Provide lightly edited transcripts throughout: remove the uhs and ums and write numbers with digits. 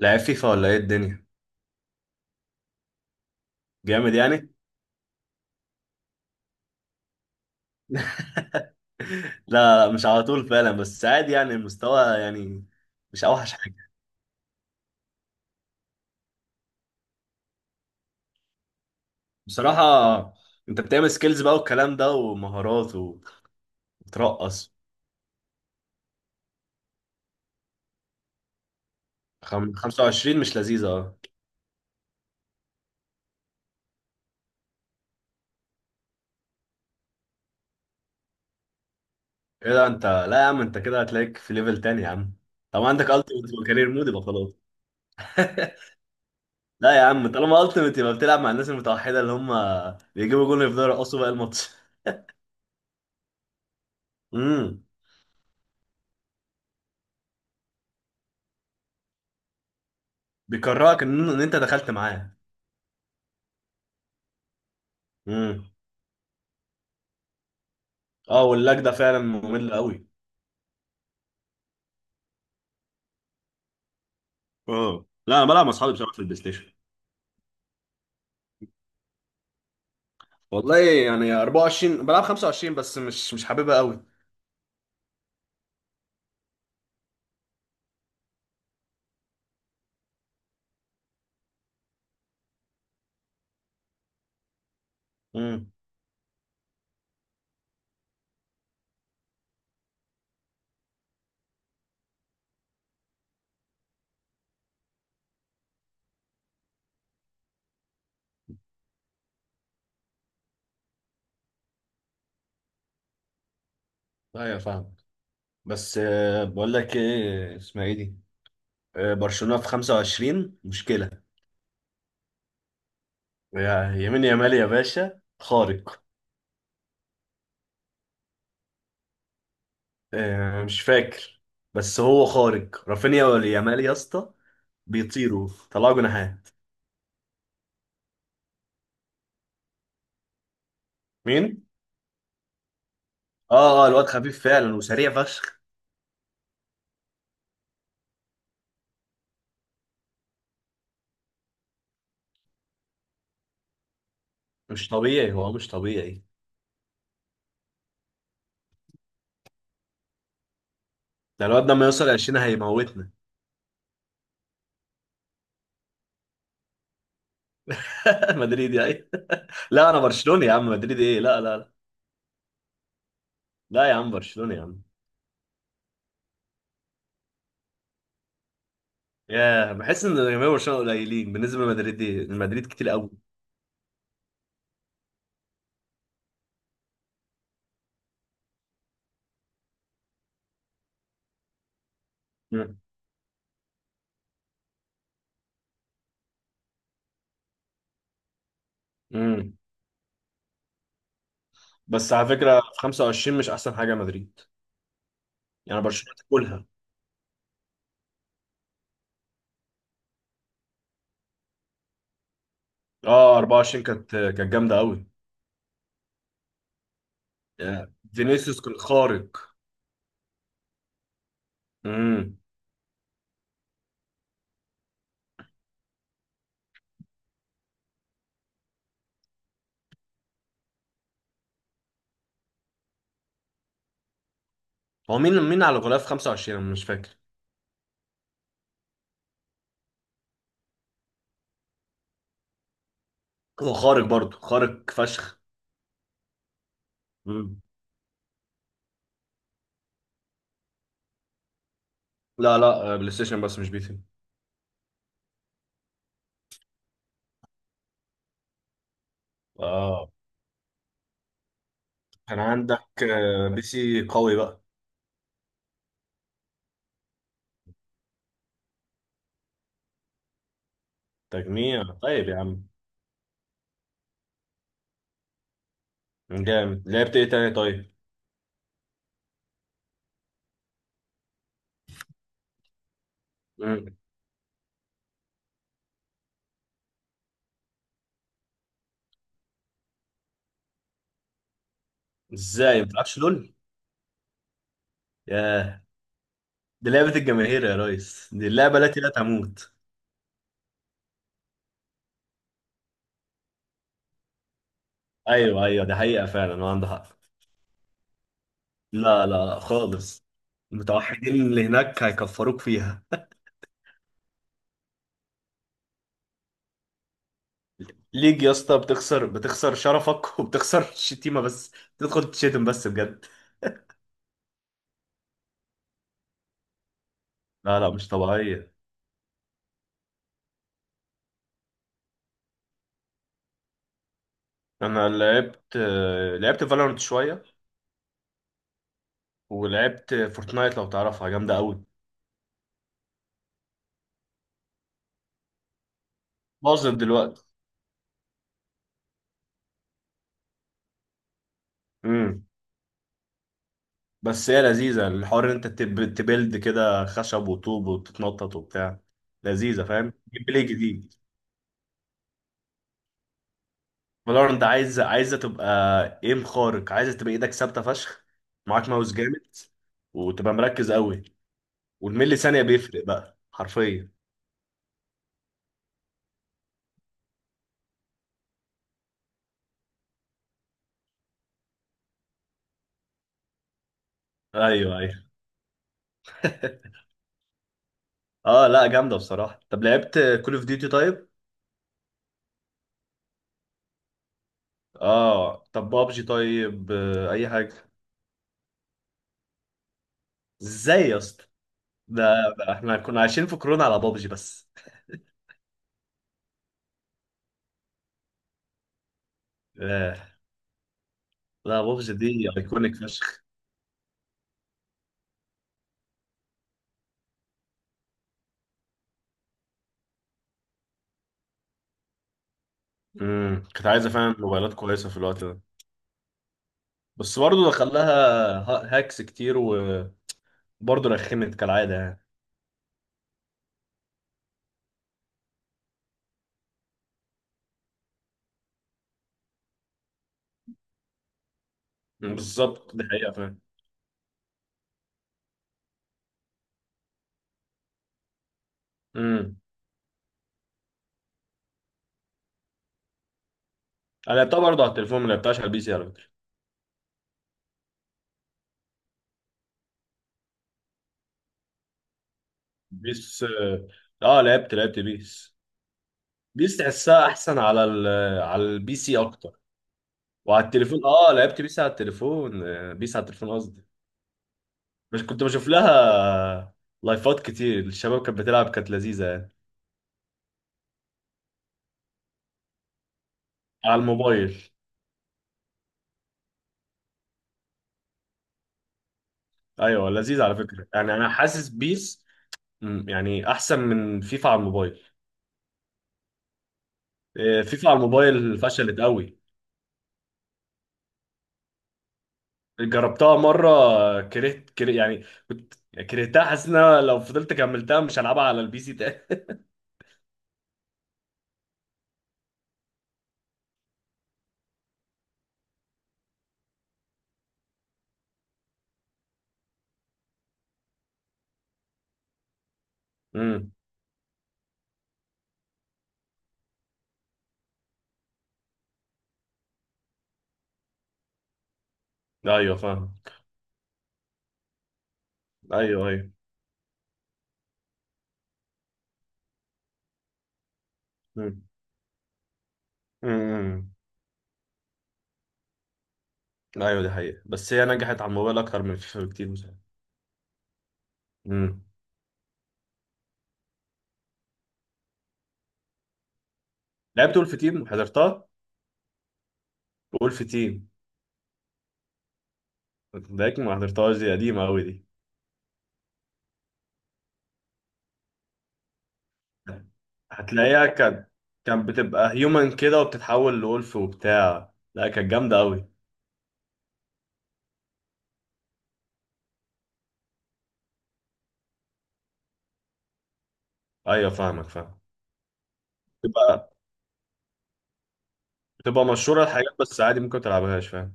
لعيب فيفا ولا ايه الدنيا؟ جامد يعني. لا، لا، مش على طول فعلا، بس عادي يعني، المستوى يعني مش اوحش حاجه، بصراحه. انت بتعمل سكيلز بقى والكلام ده ومهارات وبترقص. 25 مش لذيذه، اه. ايه ده، انت لا يا عم، انت كده هتلاقيك في ليفل تاني يا عم. طب عندك التيمت وكارير مود، يبقى خلاص. لا يا عم، طالما التيمت يبقى بتلعب مع الناس المتوحده اللي هم بيجيبوا جول يفضلوا يرقصوا بقى الماتش. امم. بيكرهك ان انت دخلت معاه. امم. اه، واللاج ده فعلا ممل قوي. اه، لا انا بلعب مع اصحابي بصراحه في البلاي ستيشن. والله يعني 24 بلعب 25، بس مش حاببها قوي. امم. ايوه، فاهم. بس بقول لك ايه اسمها ايه دي. برشلونة في 25 مشكلة. يمين يامال يا باشا، خارق. مش فاكر. بس هو خارق، رافينيا ولا يامال يا اسطى؟ بيطيروا، طلعوا جناحات. مين؟ اه، اه، الواد خفيف فعلا وسريع فشخ. مش طبيعي، هو مش طبيعي. ده الواد ده لما يوصل 20 هيموتنا. مدريدي اي؟ لا انا برشلوني يا عم، مدريدي ايه، لا، لا، لا. لا يا عم، برشلوني يا عم. ياه، بحس ان جماهير برشلونه قليلين بالنسبه لمدريد، دي المدريد كتير قوي. مم. مم. بس على فكره في 25 مش احسن حاجه مدريد، يعني برشلونه تاكلها. اه، 24 كانت جامده قوي. ياه. فينيسيوس كان خارق. امم. هو مين على غلاف 25، انا مش فاكر. هو خارق، برضه خارق فشخ. مم. لا، لا، بلاي ستيشن بس مش بي سي. كان عندك بي سي قوي بقى؟ تجميع، طيب يا عم. جامد، لعبت ايه تاني طيب؟ مم. ازاي ما بتلعبش لول؟ ياه. دي لعبة الجماهير يا ريس، دي اللعبة التي لا تموت. ايوه، ايوه، دي حقيقة فعلا وعنده حق. لا، لا، خالص. المتوحدين اللي هناك هيكفروك فيها. ليج يا اسطى، بتخسر، بتخسر شرفك وبتخسر الشتيمة بس. تدخل تشتم بس بجد. لا، لا، مش طبيعية. انا لعبت، لعبت فالورانت شوية. ولعبت فورتنايت، لو تعرفها جامدة قوي. باظت دلوقتي. امم. بس هي لذيذة، الحوار ان انت تبيلد كده خشب وطوب وتتنطط وبتاع. لذيذة، فاهم، جيم بلاي جديد. فالورنت عايزة تبقى ايم خارق، عايزة تبقى ايدك ثابتة فشخ، معاك ماوس جامد، وتبقى مركز قوي. والملي ثانية بيفرق بقى حرفيا. ايوه، ايوه. اه لا جامدة بصراحة. طب لعبت كول اوف ديوتي طيب؟ اه، طب بابجي طيب، اي حاجة. ازاي يا اسطى؟ ده احنا كنا عايشين في كورونا على بابجي بس. آه. لا بابجي دي ايكونيك فشخ. امم. كانت عايزه فعلا موبايلات كويسه في الوقت ده. بس برضه دخل لها هاكس كتير، وبرضه رخمت كالعاده يعني. مم، بالظبط، دي حقيقه فعلا. امم. انا لعبتها برضه على التليفون، ما لعبتهاش على البي سي على فكره. بيس، اه. لعبت بيس. بيس تحسها احسن على ال... على البي سي اكتر. وعلى التليفون، اه لعبت بيس على التليفون، بيس على التليفون قصدي. مش كنت بشوف لها لايفات كتير، الشباب كانت بتلعب، كانت لذيذة يعني، على الموبايل. ايوه لذيذ، على فكرة، يعني انا حاسس بيس، مم، يعني احسن من فيفا على الموبايل. فيفا على الموبايل فشلت قوي. جربتها مرة، كرهت كره يعني، كنت كرهتها، حاسس ان أنا لو فضلت كملتها مش هلعبها على البي سي تاني. امم. ايوه فاهم. ايوه، ايوه. امم. امم. ايوه دي حقيقة، بس هي نجحت على الموبايل اكتر من فيفا بكتير بصراحة. امم. لعبت ولف تيم، حضرتها، وولف تيم؟ ده ما حضرتهاش، دي قديمة أوي دي. هتلاقيها، كانت بتبقى هيومن كده وبتتحول لولف وبتاع، لا كانت جامدة أوي. أيوة فاهمك، فاهم. بتبقى بتبقى مشهورة الحاجات، بس عادي ممكن تلعبهاش فاهم.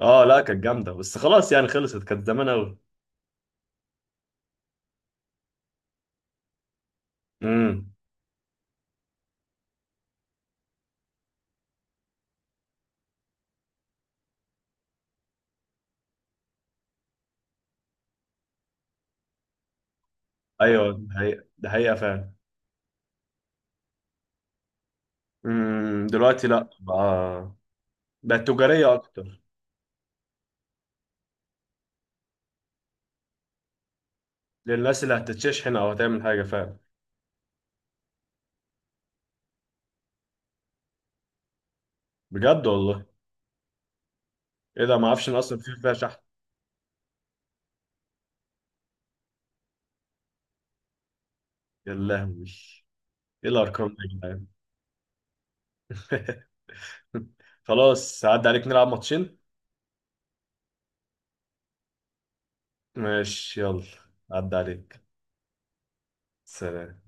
اه لا كانت جامدة، بس خلاص يعني خلصت، كانت زمان أوي. امم. أيوة، ده حقيقة، ده حقيقة فعلا. امم، دلوقتي لا بقى، بقت تجارية أكتر، للناس اللي هتتشحن أو هتعمل حاجة فعلا. بجد والله؟ إيه ده، ما أعرفش إن أصلا في فيها شحن. يا لهوي، ايه الارقام دي يا جدعان. خلاص، عدى عليك، نلعب ماتشين. ماشي يلا، عدى عليك. سلام.